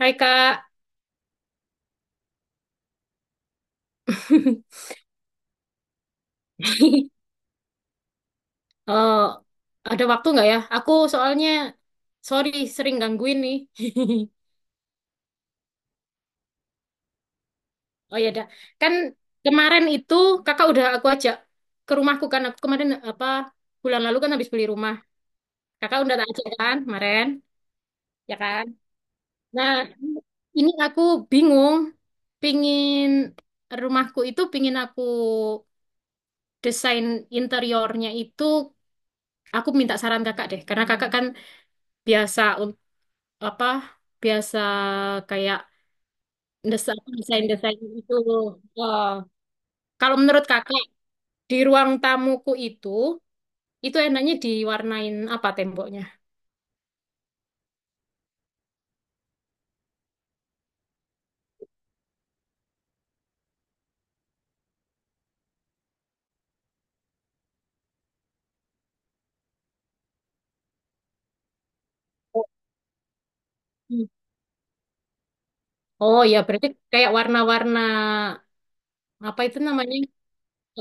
Hai Kak, Eh, ada waktu nggak ya? Aku soalnya, sorry sering gangguin nih. Oh ya, dah. Kan kemarin itu Kakak udah aku ajak ke rumahku kan. Aku kemarin apa bulan lalu kan habis beli rumah. Kakak udah tak ajak kan kemarin, ya kan? Nah, ini aku bingung, pingin rumahku itu pingin aku desain interiornya itu. Aku minta saran kakak deh, karena kakak kan biasa apa biasa kayak desain desain desain itu. Eh, kalau menurut kakak di ruang tamuku itu enaknya diwarnain apa temboknya? Oh, hmm. Oh, ya berarti kayak warna-warna apa itu namanya?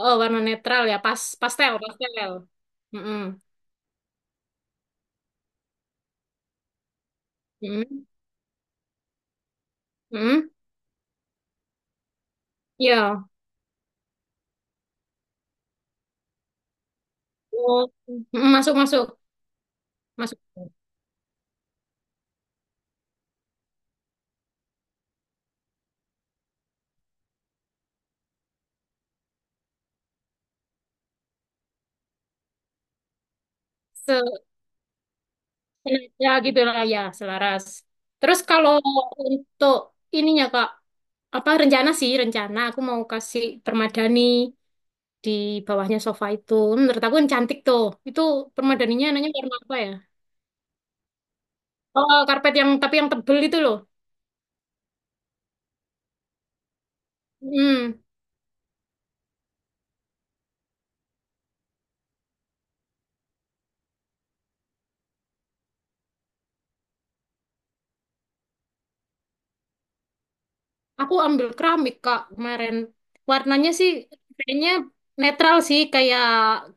Oh, warna netral ya pas pastel pastel. Mm-mm. Mm-mm. Mm-mm. Ya. Oh. Mm-mm, masuk masuk masuk. Se ya gitu lah ya selaras. Terus kalau untuk ininya Kak, apa rencana aku mau kasih permadani di bawahnya sofa itu. Menurut aku yang cantik tuh itu permadaninya nanya warna apa ya. Oh, karpet yang tapi yang tebel itu loh. hmm aku ambil keramik kak kemarin, warnanya sih kayaknya netral sih kayak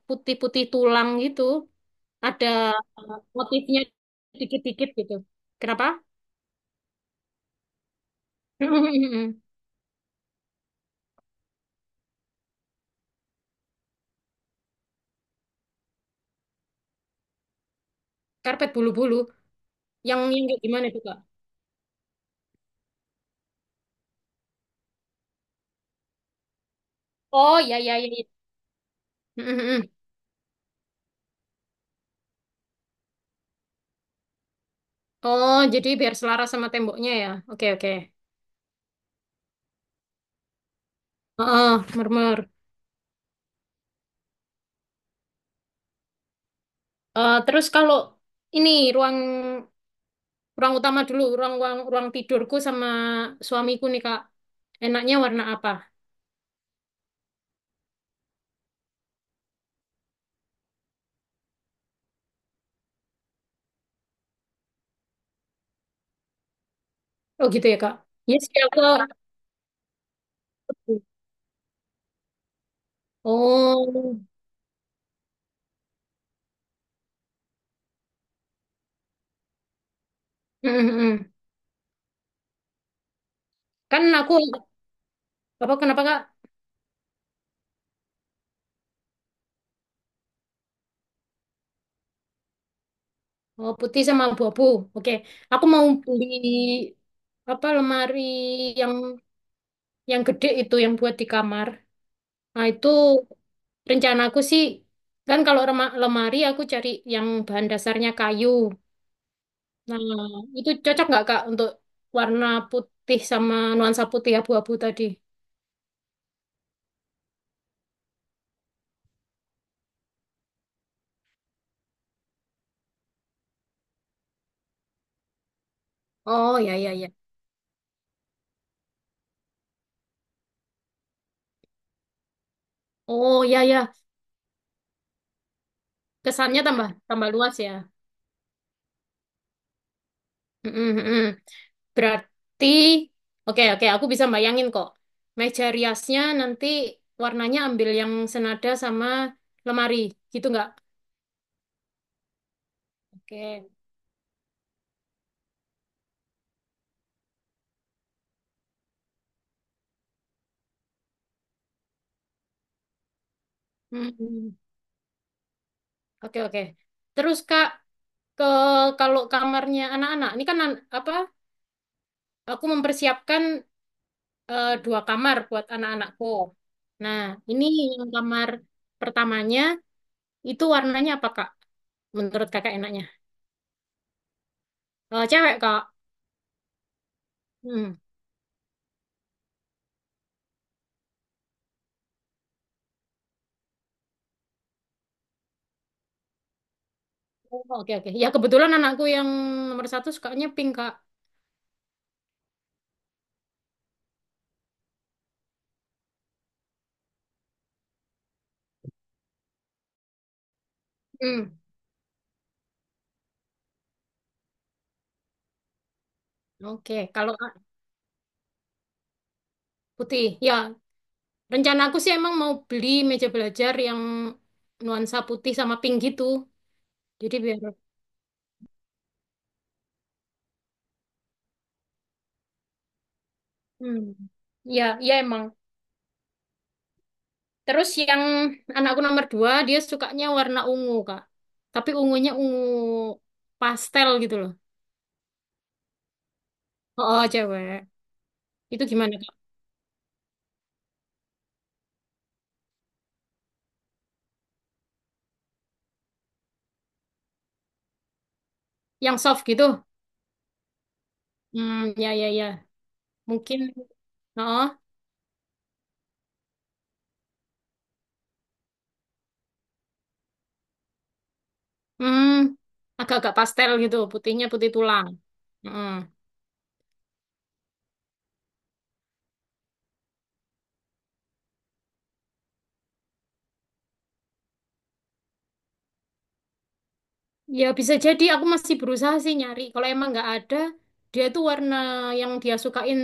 putih-putih tulang gitu. Ada motifnya dikit-dikit gitu kenapa. Karpet bulu-bulu yang kayak gimana tuh kak? Oh ya ya ya ya. Oh, jadi biar selaras sama temboknya ya. Oke, oke. Heeh, murmur. Terus kalau ini ruang ruang utama dulu, ruang ruang ruang tidurku sama suamiku nih, Kak. Enaknya warna apa? Oh, gitu ya, Kak. Yes, ya, Kak. Oh. Mm, mm, mm. Kan aku apa kenapa, Kak? Oh, putih sama abu-abu. Oke. Aku mau beli apa lemari yang yang gede itu yang buat di kamar. Nah, itu rencanaku sih, kan kalau lemari aku cari yang bahan dasarnya kayu. Nah, itu cocok nggak Kak untuk warna putih sama nuansa putih abu-abu tadi? Oh, ya, ya, ya. Oh, ya, ya. Kesannya tambah tambah luas ya. Mm-mm, mm-mm. Berarti, oke, oke, aku bisa bayangin kok. Meja riasnya nanti warnanya ambil yang senada sama lemari, gitu nggak? Oke. Mm-mm. Oke, oke. Terus, Kak, ke kalau kamarnya anak-anak ini kan apa aku mempersiapkan dua kamar buat anak-anakku. Nah, ini yang kamar pertamanya itu warnanya apa Kak? Menurut Kakak enaknya? Cewek Kak. Hmm. Oh, oke oke. Ya kebetulan anakku yang nomor satu sukanya pink Kak. Hmm. Oke. Kalau Kak, putih, ya rencana aku sih emang mau beli meja belajar yang nuansa putih sama pink gitu. Jadi biar. Hmm. Ya, ya emang. Terus yang anakku nomor dua, dia sukanya warna ungu, Kak. Tapi ungunya ungu pastel gitu loh. Oh, oh, cewek. Itu gimana, Kak? Yang soft gitu? Hmm, ya, ya, ya. Mungkin, oh, hmm, agak-agak pastel gitu. Putihnya putih tulang. Hmm. Ya, bisa jadi aku masih berusaha sih nyari. Kalau emang nggak ada, dia tuh warna yang dia sukain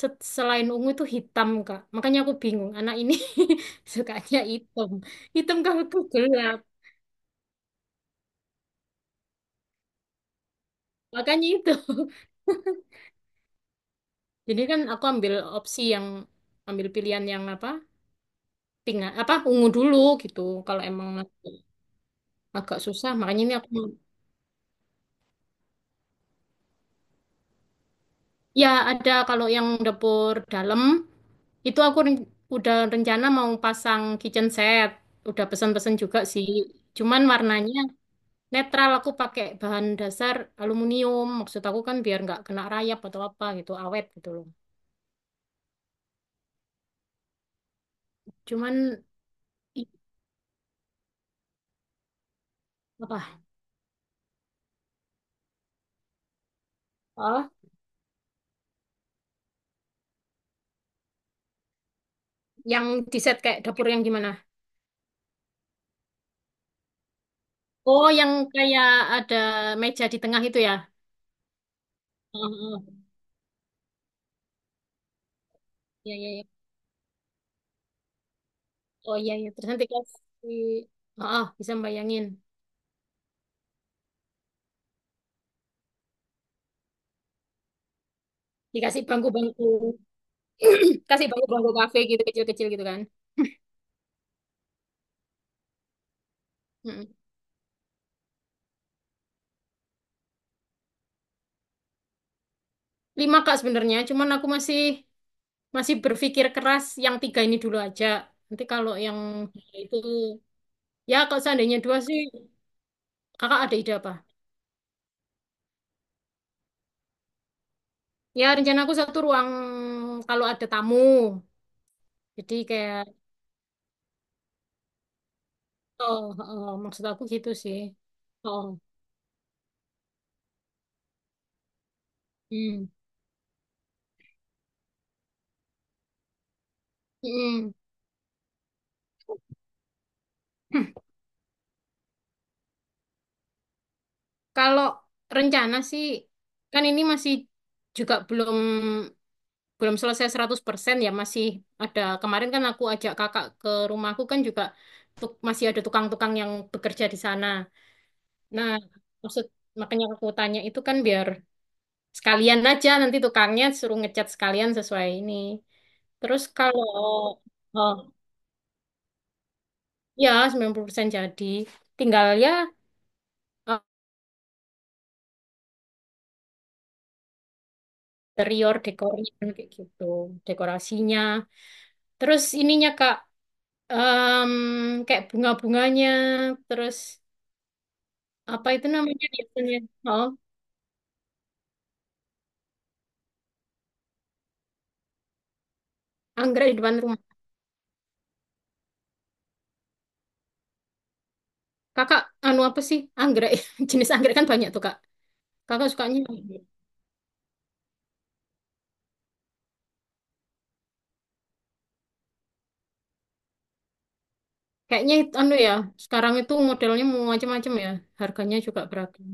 selain ungu itu hitam, Kak. Makanya aku bingung. Anak ini sukanya hitam. Hitam kalau tuh gelap. Makanya itu. Jadi kan aku ambil opsi yang ambil pilihan yang apa? Pink apa ungu dulu gitu. Kalau emang agak susah, makanya ini aku ya ada kalau yang dapur dalam itu aku udah rencana mau pasang kitchen set. Udah pesan-pesan juga sih. Cuman warnanya netral aku pakai bahan dasar aluminium. Maksud aku kan biar nggak kena rayap atau apa gitu, awet gitu loh. Cuman i- apa? Oh, yang di set kayak dapur yang gimana? Oh, yang kayak ada meja di tengah itu ya? Oh, oh. Iya, iya, iya. Oh, iya, iya. Terus nanti kasih. Oh, oh, bisa bayangin. Dikasih bangku-bangku. Kasih bangku-bangku kafe gitu, kecil-kecil gitu kan. Mm. Lima, Kak, sebenarnya. Cuman aku masih masih berpikir keras yang tiga ini dulu aja. Nanti kalau yang itu. Ya, kalau seandainya dua sih, kakak ada ide apa? Ya, rencana aku satu ruang kalau ada tamu. Jadi kayak. Oh, oh, oh, maksud aku gitu sih. Oh. Oh. Hmm. Hmm. Hmm. Kalau rencana sih kan ini masih juga belum belum selesai 100% ya masih ada kemarin kan aku ajak kakak ke rumahku kan juga masih ada tukang-tukang yang bekerja di sana. Nah, maksud makanya aku tanya itu kan biar sekalian aja nanti tukangnya suruh ngecat sekalian sesuai ini. Terus kalau oh, ya 90% jadi tinggal ya interior dekornya kayak gitu dekorasinya terus ininya Kak em, kayak bunga-bunganya terus apa itu namanya biasanya oh anggrek di depan rumah. Kakak anu apa sih anggrek jenis anggrek kan banyak tuh Kak. Kakak sukanya kayaknya itu anu ya sekarang itu modelnya mau macam-macam ya harganya juga beragam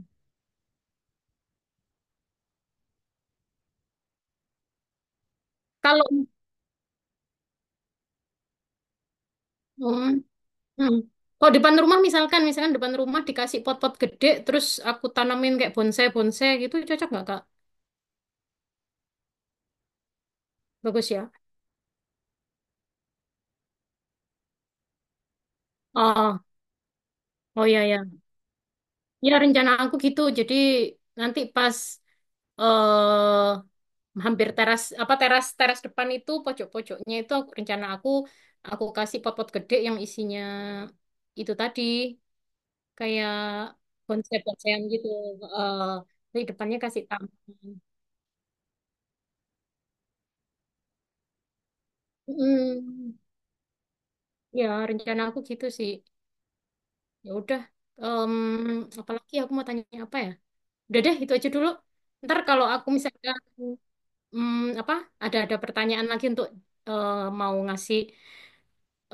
kalau hmm, hmm. Kalau depan rumah misalkan, depan rumah dikasih pot-pot gede, terus aku tanamin kayak bonsai-bonsai gitu, cocok nggak Kak? Bagus ya. Oh iya ya. Ya rencana aku gitu. Jadi nanti pas eh hampir teras apa teras teras depan itu pojok-pojoknya itu rencana aku kasih pot-pot gede yang isinya itu tadi kayak konsep-konsepan gitu. Eh di depannya kasih taman. Mm, ya rencana aku gitu sih. Ya udah. Em, apalagi aku mau tanya apa ya? Udah deh itu aja dulu. Ntar kalau aku misalkan apa ada pertanyaan lagi untuk eh, mau ngasih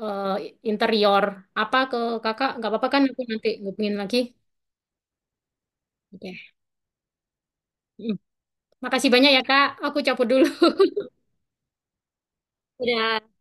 eh, interior apa ke kakak? Nggak apa-apa kan aku nanti hubungin lagi. Oke. Hmm. Makasih banyak ya kak. Aku cabut dulu. Udah.